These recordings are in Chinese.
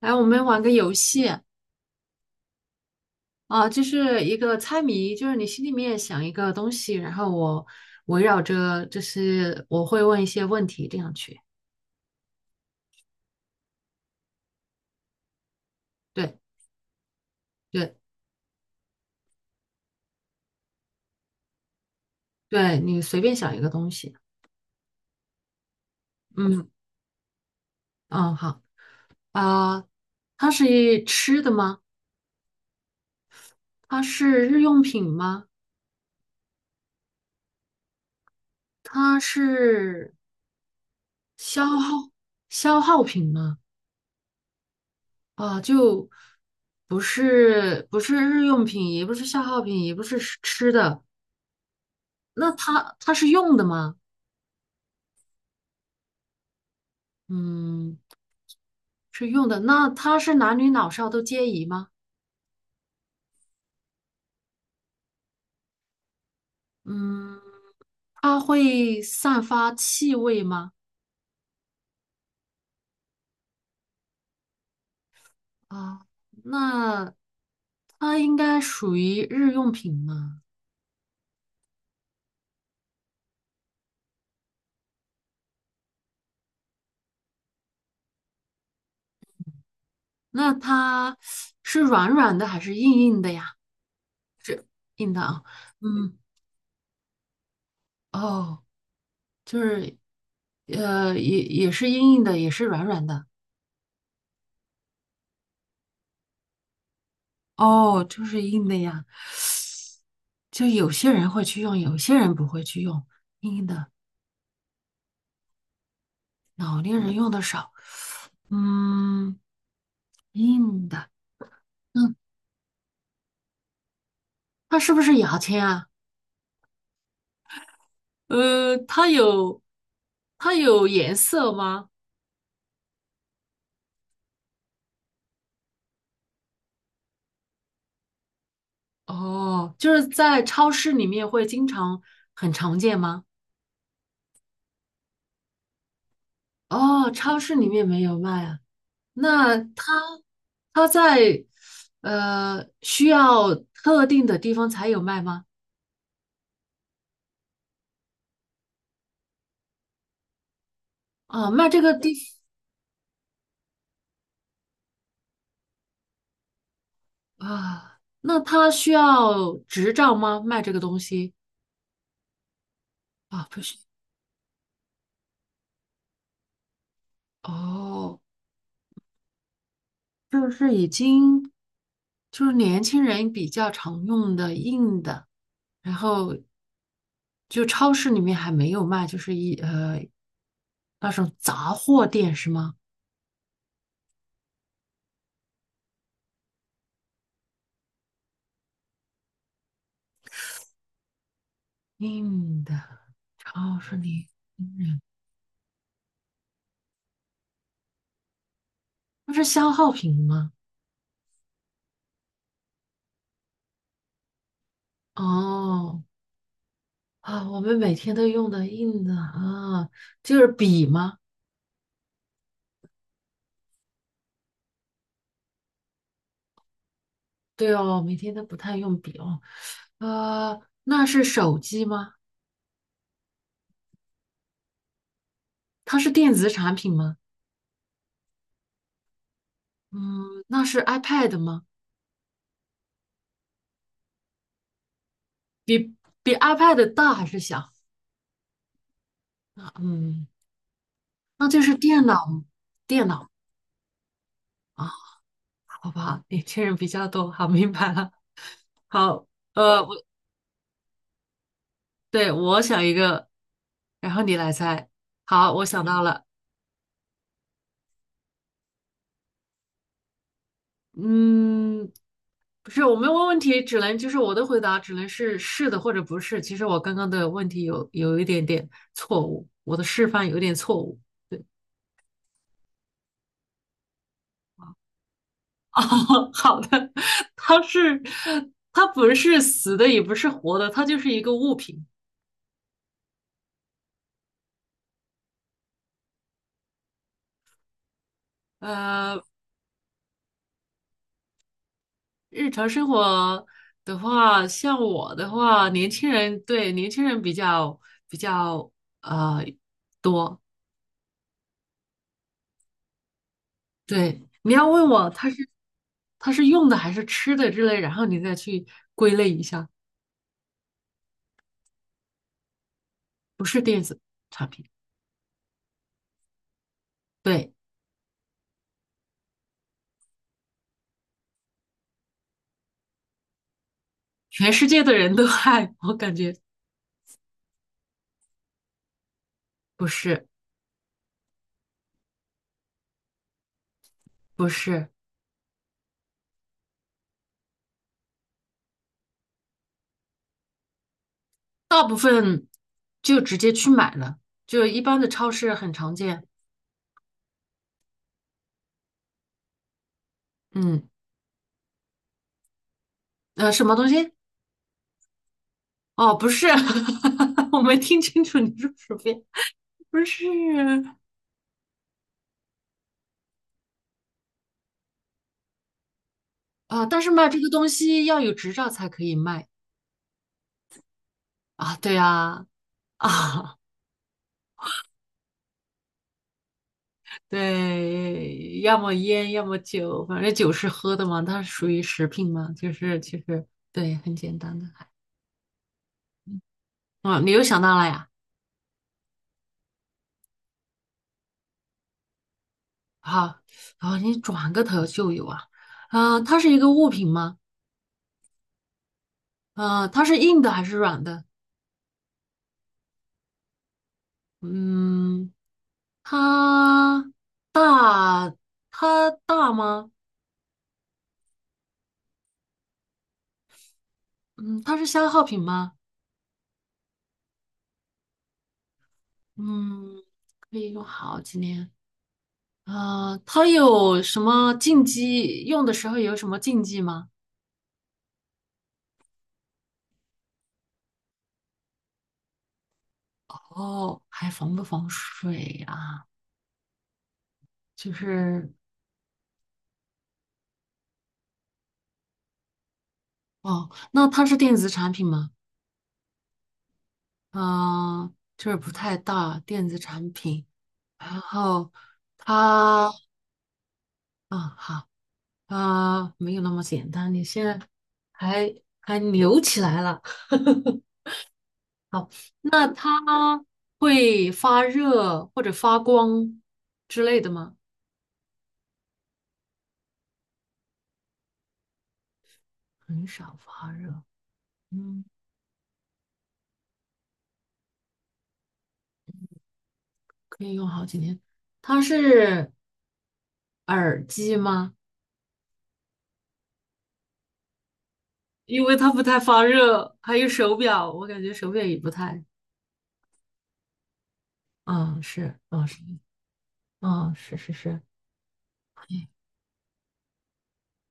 来，我们玩个游戏。啊，就是一个猜谜，就是你心里面想一个东西，然后我围绕着，就是我会问一些问题，这样去。对对对，你随便想一个东西。嗯嗯，好啊。它是吃的吗？它是日用品吗？它是消耗消耗品吗？啊，就不是日用品，也不是消耗品，也不是吃的。那它是用的吗？嗯，是用的。那它是男女老少都皆宜吗？嗯，它会散发气味吗？啊，那它应该属于日用品吗？那它是软软的还是硬硬的呀？是硬的啊。嗯，哦，就是也也是硬硬的，也是软软的。哦，就是硬的呀。就有些人会去用，有些人不会去用硬的，老年人用的少。嗯，硬的，嗯，它是不是牙签啊？呃，它有，它有颜色吗？哦，就是在超市里面会经常很常见吗？哦，超市里面没有卖啊。那它在需要特定的地方才有卖吗？啊，卖这个地，啊，那他需要执照吗？卖这个东西。啊，不需。哦，就是已经就是年轻人比较常用的硬的，然后就超市里面还没有卖，就是那种杂货店是吗？硬的超市里，嗯，那是消耗品吗？哦。啊，我们每天都用的硬的啊，就是笔吗？对哦，每天都不太用笔哦。呃，那是手机吗？它是电子产品吗？嗯，那是 iPad 吗？比比 iPad 大还是小？嗯，那就是电脑。电脑啊。好不好？年轻人比较多，好，明白了。好。呃，我想一个，然后你来猜。好，我想到了。嗯，不是，我们问问题只能就是我的回答只能是是的或者不是。其实我刚刚的问题有一点点错误，我的示范有点错误。哦，好的。它是它不是死的，也不是活的，它就是一个物品。呃，日常生活的话，像我的话，年轻人比较呃多。对，你要问我它是用的还是吃的之类，然后你再去归类一下。不是电子产品。对，全世界的人都爱，我感觉。不是不是。大部分就直接去买了，就一般的超市很常见。嗯。呃，什么东西？哦，不是。我没听清楚你说什么呀？不是。啊，但是卖这个东西要有执照才可以卖啊。对呀。啊，对，要么烟，要么酒，反正酒是喝的嘛，它属于食品嘛，就是其实对，很简单的。哦，你又想到了呀？好。哦，你转个头就有啊。啊，它是一个物品吗？呃，它是硬的还是软的？嗯，它大，它大吗？嗯，它是消耗品吗？嗯，可以用好几年。呃，它有什么禁忌？用的时候有什么禁忌吗？哦，还防不防水啊？就是哦，那它是电子产品吗？嗯、就是不太大，电子产品。然后它，嗯，好。啊、没有那么简单。你现在还还扭起来了。那它会发热或者发光之类的吗？很少发热，嗯，可以用好几天。它是耳机吗？因为它不太发热，还有手表，我感觉手表也不太。嗯，是，嗯是，嗯是是是。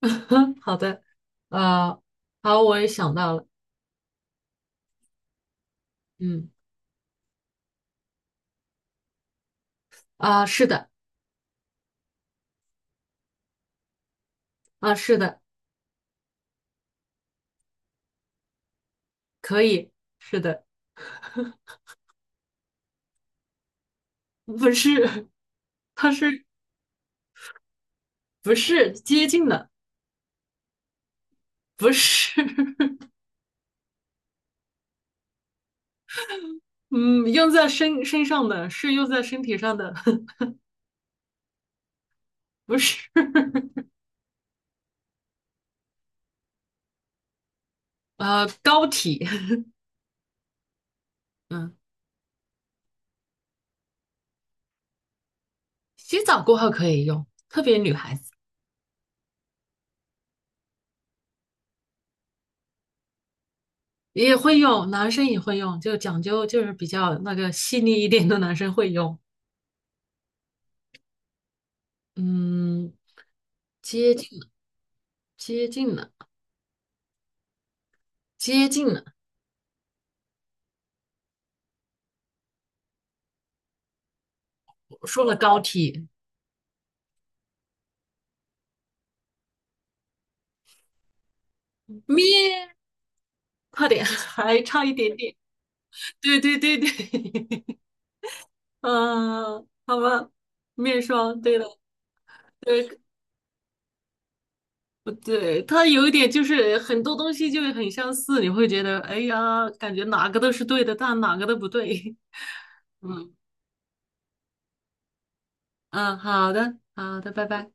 好的。呃，好，我也想到了。嗯。啊、是的。啊、是的。可以，是的。不是。它是不是接近的？不是。嗯，用在身身上的是用在身体上的。不是。呃，膏体。嗯，洗澡过后可以用，特别女孩子也会用，男生也会用，就讲究就是比较那个细腻一点的男生会用。嗯，接近了，接近了，接近了，我说了膏体。咩，快点。还差一点点。对对对对。嗯，好吧，面霜，对的。对，不对？它有一点就是很多东西就很相似，你会觉得，哎呀，感觉哪个都是对的，但哪个都不对。嗯嗯，好的，好的，拜拜。